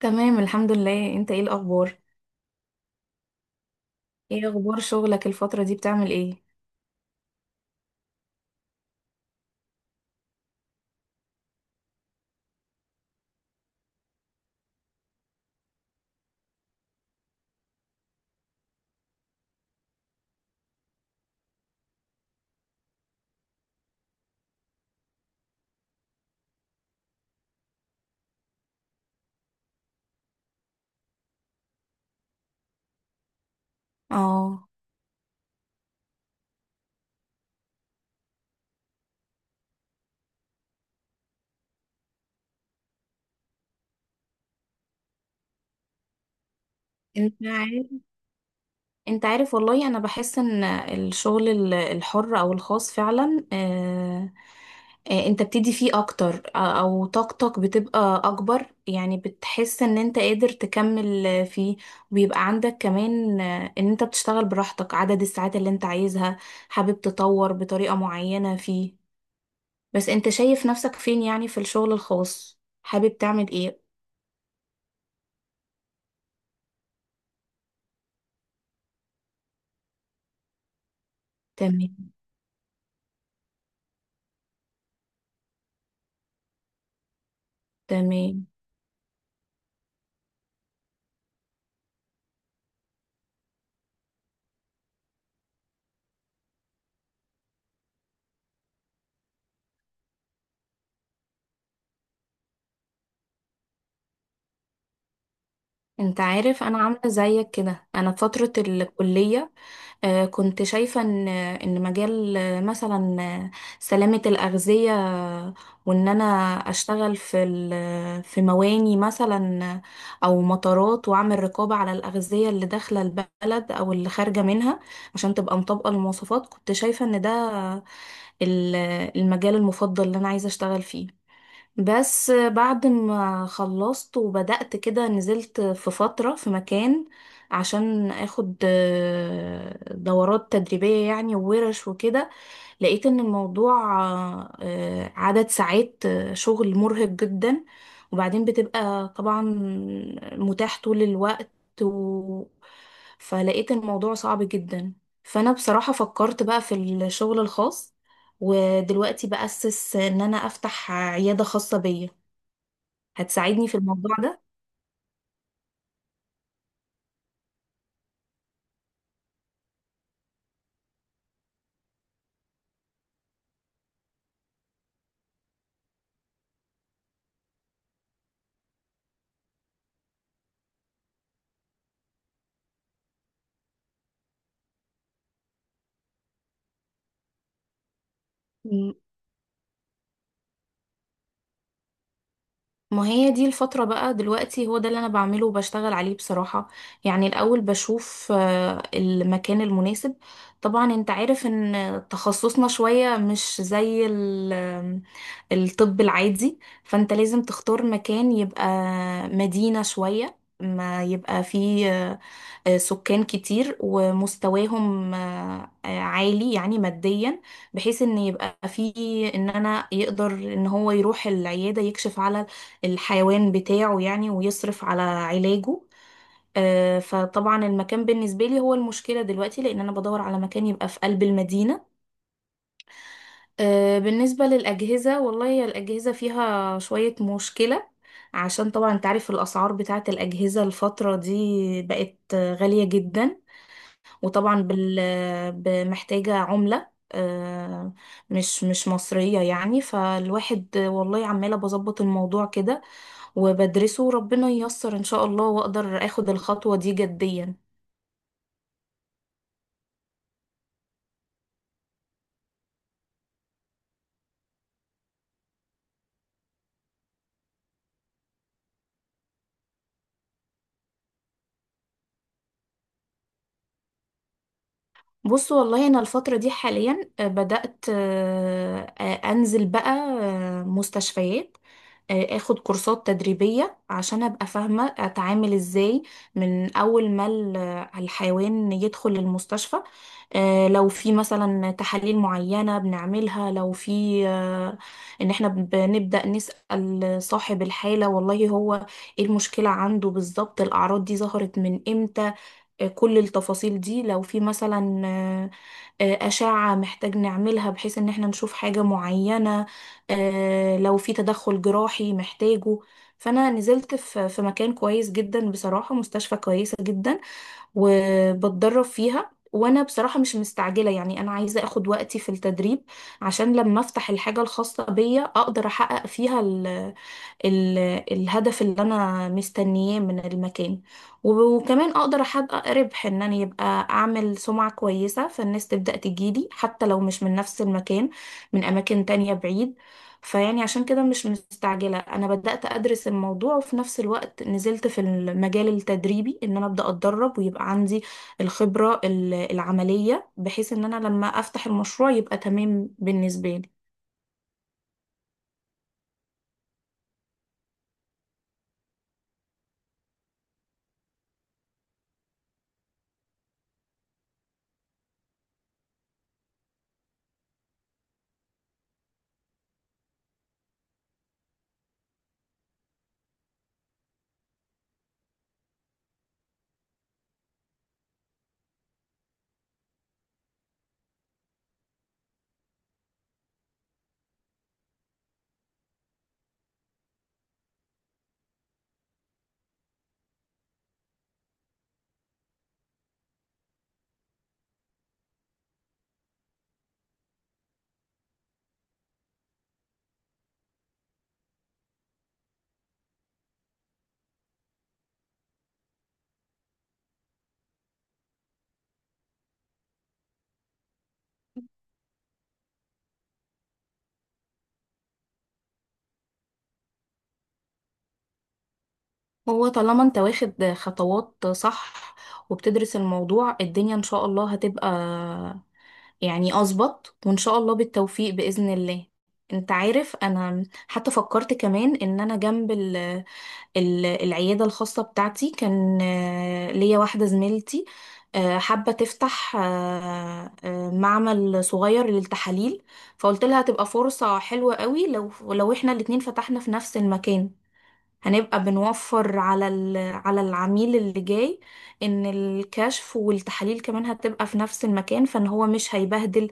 تمام الحمد لله. انت ايه الاخبار؟ ايه اخبار شغلك الفترة دي؟ بتعمل ايه؟ اه. انت عارف، انت عارف والله انا بحس ان الشغل الحر او الخاص فعلا، انت بتدي فيه اكتر، او طاقتك بتبقى اكبر، يعني بتحس ان انت قادر تكمل فيه. وبيبقى عندك كمان ان انت بتشتغل براحتك عدد الساعات اللي انت عايزها، حابب تطور بطريقة معينة فيه. بس انت شايف نفسك فين يعني في الشغل الخاص؟ حابب تعمل ايه؟ تمام. تمام. انت عارف انا عامله زيك كده. انا في فتره الكليه كنت شايفه ان مجال مثلا سلامه الاغذيه، وان انا اشتغل في في مواني مثلا او مطارات، واعمل رقابه على الاغذيه اللي داخله البلد او اللي خارجه منها عشان تبقى مطابقه للمواصفات. كنت شايفه ان ده ال- المجال المفضل اللي انا عايزه اشتغل فيه. بس بعد ما خلصت وبدأت كده، نزلت في فترة في مكان عشان اخد دورات تدريبية يعني وورش وكده. لقيت ان الموضوع عدد ساعات شغل مرهق جدا، وبعدين بتبقى طبعا متاح طول الوقت و... فلقيت الموضوع صعب جدا. فانا بصراحة فكرت بقى في الشغل الخاص، ودلوقتي بأسس ان انا افتح عيادة خاصة بيا. هتساعدني في الموضوع ده؟ ما هي دي الفترة بقى دلوقتي، هو ده اللي أنا بعمله وبشتغل عليه بصراحة. يعني الأول بشوف المكان المناسب. طبعا أنت عارف إن تخصصنا شوية مش زي الطب العادي، فأنت لازم تختار مكان يبقى مدينة شوية، ما يبقى فيه سكان كتير ومستواهم عالي يعني ماديا، بحيث ان يبقى فيه ان انا يقدر ان هو يروح العيادة يكشف على الحيوان بتاعه يعني، ويصرف على علاجه. فطبعا المكان بالنسبة لي هو المشكلة دلوقتي، لأن أنا بدور على مكان يبقى في قلب المدينة. بالنسبة للأجهزة، والله هي الأجهزة فيها شوية مشكلة، عشان طبعا انت عارف الأسعار بتاعت الأجهزة الفترة دي بقت غالية جدا. وطبعا محتاجة عملة مش مصرية يعني. فالواحد والله عمالة بظبط الموضوع كده وبدرسه، وربنا ييسر ان شاء الله واقدر اخد الخطوة دي جديا. بص والله انا الفترة دي حاليا بدأت انزل بقى مستشفيات، اخد كورسات تدريبية عشان ابقى فاهمة اتعامل ازاي من اول ما الحيوان يدخل المستشفى. لو في مثلا تحاليل معينة بنعملها، لو في ان احنا بنبدأ نسأل صاحب الحالة والله هو ايه المشكلة عنده بالظبط، الاعراض دي ظهرت من امتى. كل التفاصيل دي. لو في مثلا أشعة محتاج نعملها بحيث إن احنا نشوف حاجة معينة، لو في تدخل جراحي محتاجه. فأنا نزلت في مكان كويس جدا بصراحة، مستشفى كويسة جدا، وبتدرب فيها. وانا بصراحة مش مستعجلة، يعني انا عايزة اخد وقتي في التدريب عشان لما افتح الحاجة الخاصة بيا اقدر احقق فيها ال ال الهدف اللي انا مستنياه من المكان. وكمان اقدر احقق ربح، ان انا يبقى اعمل سمعة كويسة فالناس تبدأ تجيلي حتى لو مش من نفس المكان، من اماكن تانية بعيد. فيعني عشان كده مش مستعجلة. أنا بدأت أدرس الموضوع، وفي نفس الوقت نزلت في المجال التدريبي إن أنا أبدأ أتدرب ويبقى عندي الخبرة العملية، بحيث إن أنا لما أفتح المشروع يبقى تمام بالنسبة لي. هو طالما أنت واخد خطوات صح وبتدرس الموضوع، الدنيا إن شاء الله هتبقى يعني أظبط، وإن شاء الله بالتوفيق بإذن الله. أنت عارف أنا حتى فكرت كمان إن أنا جنب العيادة الخاصة بتاعتي كان ليا واحدة زميلتي حابة تفتح معمل صغير للتحاليل. فقلت لها هتبقى فرصة حلوة قوي لو احنا الاتنين فتحنا في نفس المكان، هنبقى بنوفر على على العميل اللي جاي، ان الكشف والتحاليل كمان هتبقى في نفس المكان فان هو مش هيبهدل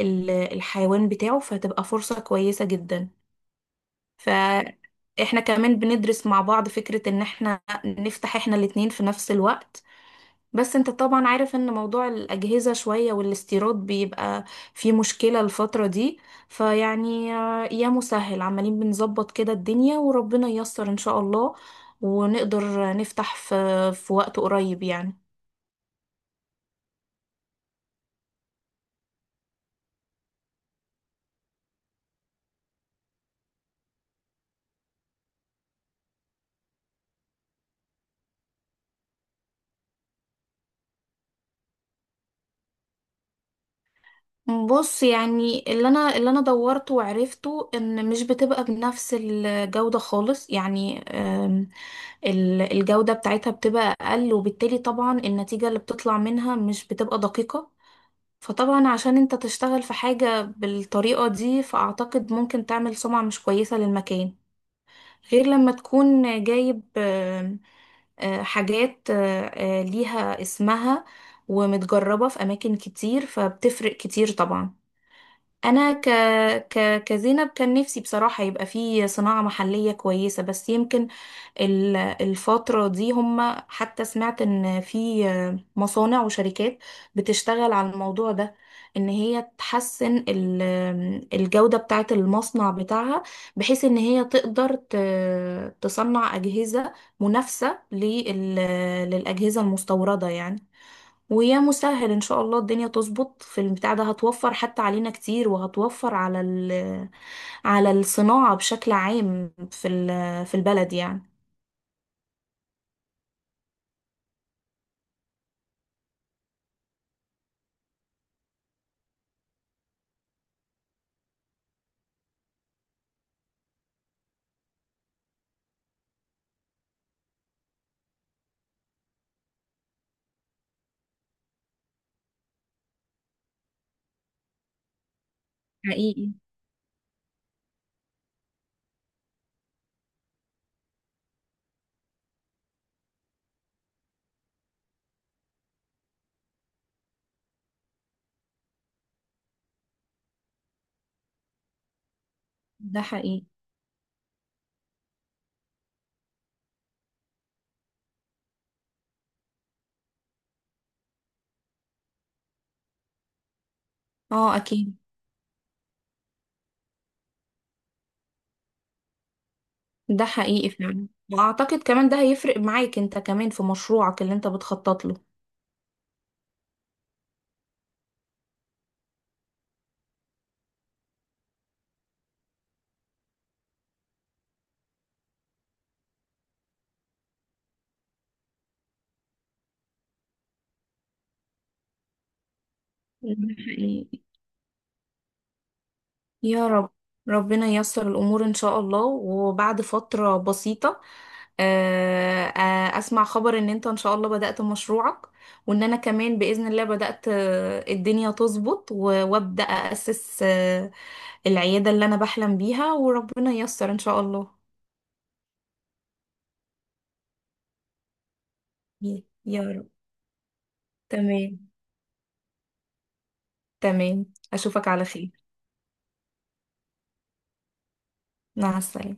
الحيوان بتاعه، فهتبقى فرصة كويسة جدا. فاحنا كمان بندرس مع بعض فكرة ان احنا نفتح احنا الاتنين في نفس الوقت. بس انت طبعا عارف ان موضوع الاجهزة شوية والاستيراد بيبقى فيه مشكلة الفترة دي. فيعني يا مسهل، عمالين بنظبط كده الدنيا وربنا ييسر ان شاء الله ونقدر نفتح في وقت قريب يعني. بص يعني اللي انا دورته وعرفته ان مش بتبقى بنفس الجودة خالص، يعني الجودة بتاعتها بتبقى اقل، وبالتالي طبعا النتيجة اللي بتطلع منها مش بتبقى دقيقة. فطبعا عشان انت تشتغل في حاجة بالطريقة دي، فاعتقد ممكن تعمل سمعة مش كويسة للمكان، غير لما تكون جايب آم، آه، حاجات ليها اسمها ومتجربة في أماكن كتير، فبتفرق كتير طبعا. انا كزينب كان نفسي بصراحة يبقى في صناعة محلية كويسة، بس يمكن الفترة دي هم، حتى سمعت ان في مصانع وشركات بتشتغل على الموضوع ده، ان هي تحسن الجودة بتاعة المصنع بتاعها، بحيث ان هي تقدر تصنع أجهزة منافسة للأجهزة المستوردة يعني. ويا مسهل ان شاء الله الدنيا تظبط في البتاع ده، هتوفر حتى علينا كتير وهتوفر على على الصناعة بشكل عام في في البلد يعني. حقيقي. ده حقيقي. اه اكيد. ده حقيقي فعلا. واعتقد كمان ده هيفرق معاك انت كمان في مشروعك اللي انت بتخطط له. ده حقيقي. يا رب. ربنا ييسر الأمور إن شاء الله، وبعد فترة بسيطة أسمع خبر إن أنت إن شاء الله بدأت مشروعك، وإن أنا كمان بإذن الله بدأت الدنيا تظبط وأبدأ أأسس العيادة اللي أنا بحلم بيها، وربنا ييسر إن شاء الله. يا رب. تمام. تمام. أشوفك على خير. مع السلامة.